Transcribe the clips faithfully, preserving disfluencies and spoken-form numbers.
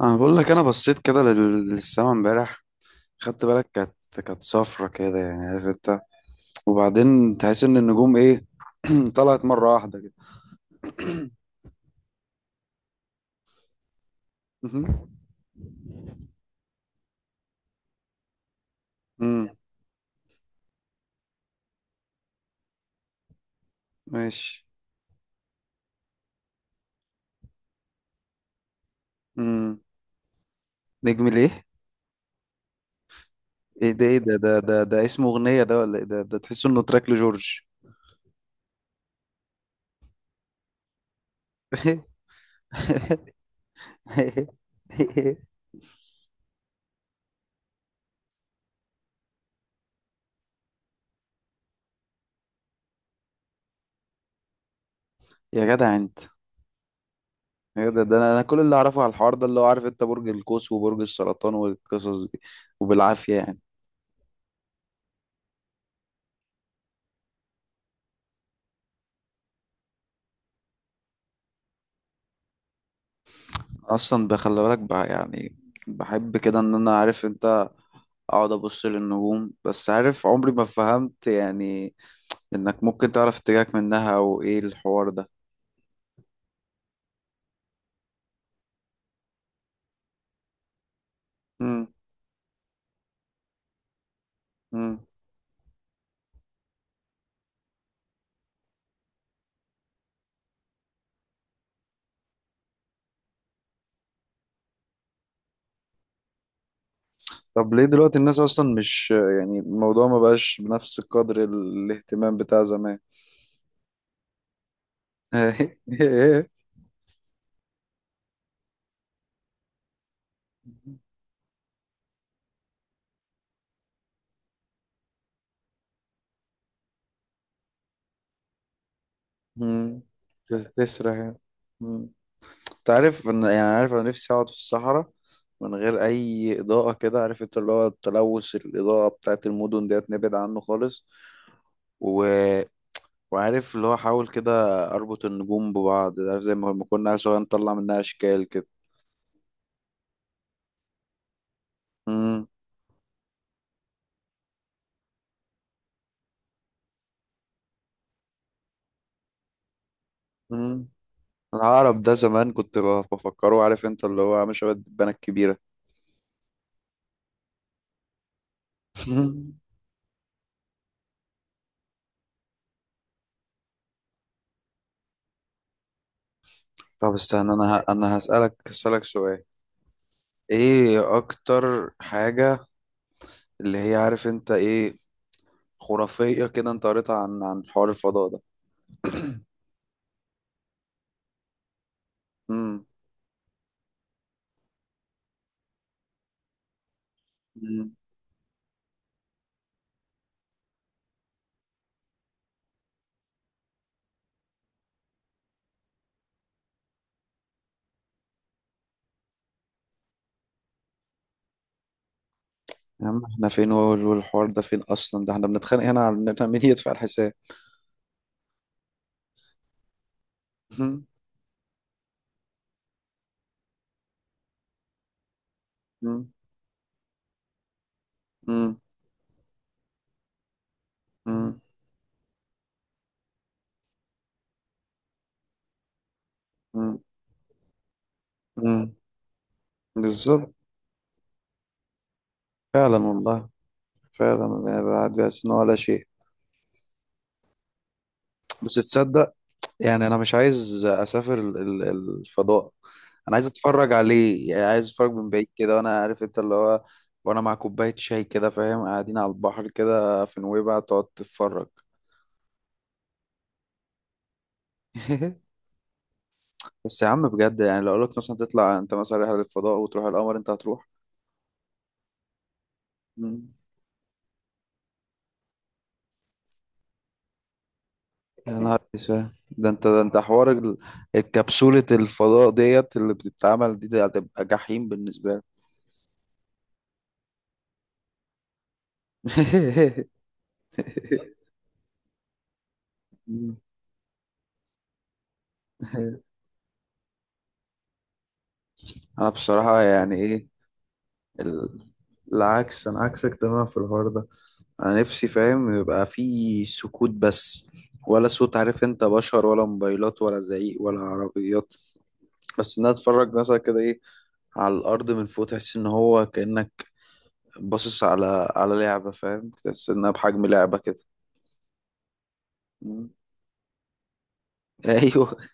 انا بقول لك انا بصيت كده لل- للسما امبارح، خدت بالك؟ كانت كانت صفرة كده، يعني عارف انت. وبعدين تحس ان النجوم ايه، طلعت مرة واحدة كده. مهم. امم. ماشي. امم. نجم ليه؟ ايه ده؟ ايه ده؟ ده ده, ده اسمه اغنية ده ولا ايه؟ ده ده تحس انه تراك لجورج. يا جدع انت. يا جدع، ده انا أنا كل اللي اعرفه على الحوار ده اللي هو عارف انت برج القوس وبرج السرطان والقصص دي. وبالعافية يعني. اصلا ده خلي بالك بقى يعني. بحب كده ان انا، عارف انت، اقعد ابص للنجوم. بس عارف، عمري ما فهمت يعني انك ممكن تعرف اتجاهك منها او ايه الحوار ده. امم. امم. طب ليه دلوقتي الناس اصلا مش، يعني الموضوع ما بقاش بنفس قدر ال- الاهتمام بتاع زمان. امم. تسرح يعني. انت عارف ان، يعني عارف، انا نفسي اقعد في الصحراء من غير اي اضاءه كده، عارف انت، اللي هو التلوث الاضاءه بتاعت المدن ديت، نبعد عنه خالص. و... وعارف اللي هو، حاول كده اربط النجوم ببعض، عارف، زي ما لما كنا سوا نطلع منها اشكال كده. امم. امم. العقرب ده زمان كنت ب- بفكره، عارف انت، اللي هو عامل شبه الدبانه الكبيره. طب استنى، انا ه... انا هسالك هسالك سؤال. ايه اكتر حاجه اللي هي، عارف انت، ايه، خرافية كده، انت قريتها عن عن حوار الفضاء ده؟ امم. امم. يا عم احنا فين وال- والحوار ده فين؟ اصلا ده احنا بنتخانق هنا على ان احنا مين يدفع الحساب. امم. امم. امم. امم. امم. امم. بالظبط. فعلا والله. فعلا أنا بعد بس ان هو ولا شيء. بس تصدق، يعني انا مش عايز اسافر ال- ال- الفضاء. انا عايز اتفرج عليه يعني، عايز اتفرج من بعيد كده، وانا عارف انت اللي هو، وانا مع كوباية شاي كده، فاهم، قاعدين على البحر كده في نويبع، تقعد تتفرج. بس يا عم بجد، يعني لو اقول لك مثلا تطلع انت مثلا رحله للفضاء وتروح القمر، انت هتروح؟ مم. يا نهار اسود، ده انت، ده انت حوار ال- الكبسولة الفضاء ديت اللي بتتعمل دي، ده هتبقى جحيم بالنسبة لك. مم. انا بصراحة يعني ايه، ال... العكس، انا عكسك تماما في الحوار ده. انا نفسي، فاهم، يبقى في سكوت بس، ولا صوت، عارف انت، بشر ولا موبايلات ولا زعيق ولا عربيات. بس ان انا اتفرج مثلا كده، ايه، على الارض من فوق، تحس ان هو كانك باصص على على لعبه، فاهم، تحس انها بحجم لعبه كده. مم. ايوه.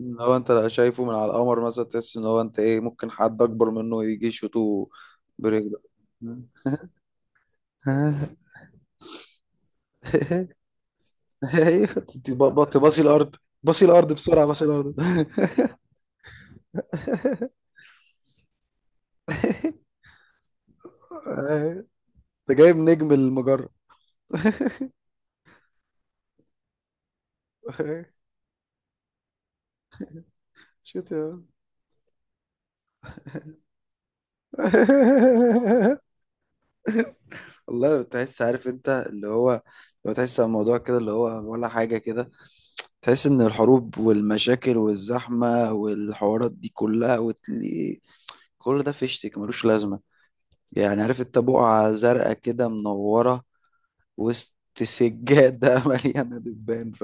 ان هو انت لو شايفه من على القمر مثلا، تحس ان هو انت ايه ممكن حد اكبر منه يجي يشوطه برجله. مم. ايوه تدي- ب- ب- تباصي الارض، باصي الارض بسرعه، باصي الارض. أيوة. انت جايب نجم المجره. شوت يا عم. والله تحس، عارف انت اللي هو، لو تحس على الموضوع كده اللي هو ولا حاجة كده، تحس ان الحروب والمشاكل والزحمة والحوارات دي كلها، وتلاقي كل ده فيشتك ملوش لازمة. يعني، عارف انت، بقعة زرقاء كده منورة وسط سجادة مليانة دبان، ف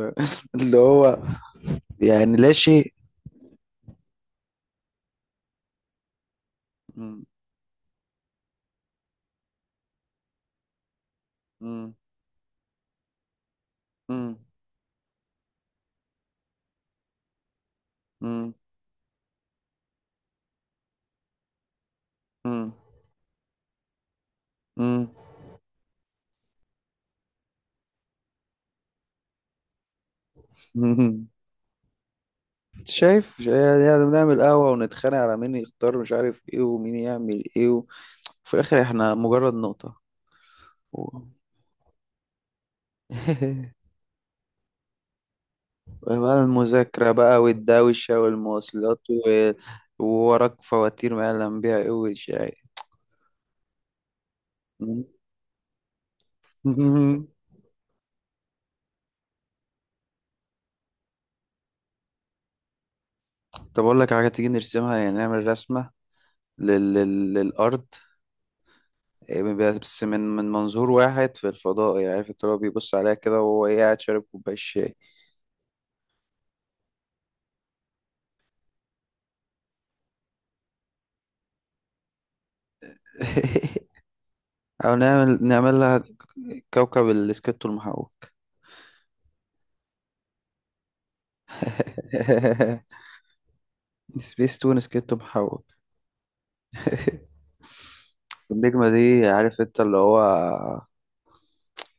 اللي هو يعني لا شيء. مم، مم، مم، مم، مم، مم. شايف، يعني يعني بنعمل قهوة ونتخانق على مين يختار، مش عارف ايه، ومين يعمل ايه و... وفي الآخر احنا مجرد نقطة و... بقى المذاكرة بقى والدوشة والمواصلات و... ووراك فواتير ما يعلم بيها ايه، وشاي. طب أقول لك على حاجة، تيجي نرسمها؟ يعني نعمل رسمة لل... لل... للأرض، إيه، بس من من منظور واحد في الفضاء، يعني عارف انت اللي هو بيبص عليها كده وهو، إيه، قاعد شارب كوباية شاي. او نعمل نعمل لها كوكب السكيتو المحوك. سبيس تون سكيتو محوك. النجمة دي، عارف انت اللي هو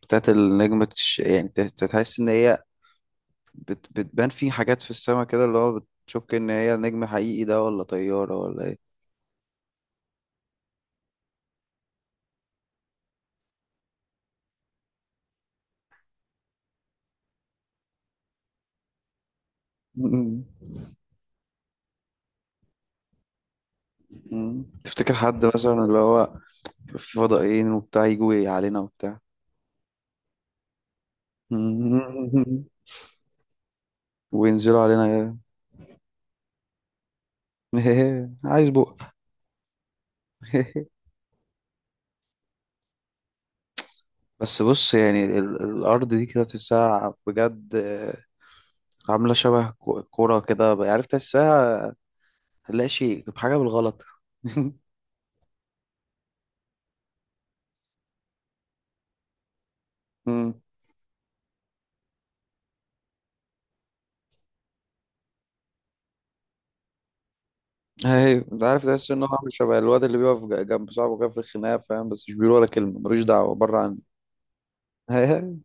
بتاعت النجمة تش... يعني تت- تحس ان هي بت... بتبان في حاجات في السماء كده اللي هو بتشك ان هي نجم حقيقي ده ولا طيارة ولا ايه. مم. مم. تفتكر حد مثلا اللي هو في فضائيين وبتاع يجوا علينا وبتاع؟ مم. وينزلوا علينا كده. عايز بق. بس بص، يعني ال- الأرض دي كده تحسها بجد، آه، عاملة شبه كو- كورة كده، عارف تحسها هنلاقي شيء بحاجة بالغلط. مم. أيوة، أنت عارف تحس إن هو عامل شبه الواد اللي بيقف ج- جنب صاحبه كده في الخناقة، فاهم، بس مش بيقول ولا كلمة، ملوش دعوة، بره عني. أيوة.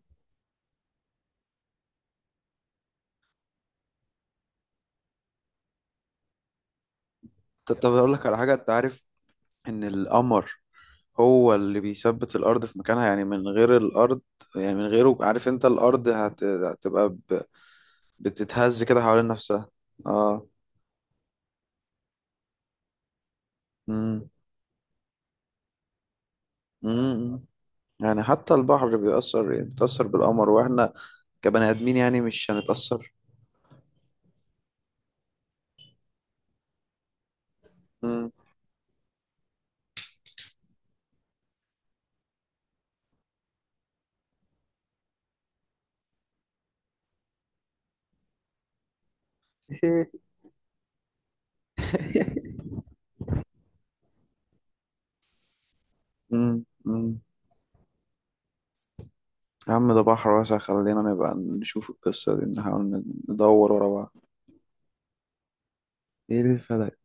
طب طب أقول لك على حاجة، أنت عارف إن القمر هو اللي بيثبت الأرض في مكانها؟ يعني من غير الأرض، يعني من غيره، عارف أنت، الأرض هت... هتبقى ب... بتتهز كده حوالين نفسها. اه. امم. يعني حتى البحر بيأثر، يعني بيتأثر بالقمر، واحنا كبني آدمين يعني مش هنتأثر؟ امم. امم. أمم. يا عم ده بحر واسع، خلينا نبقى نشوف القصة دي، نحاول ندور ورا بعض. ايه الفلك؟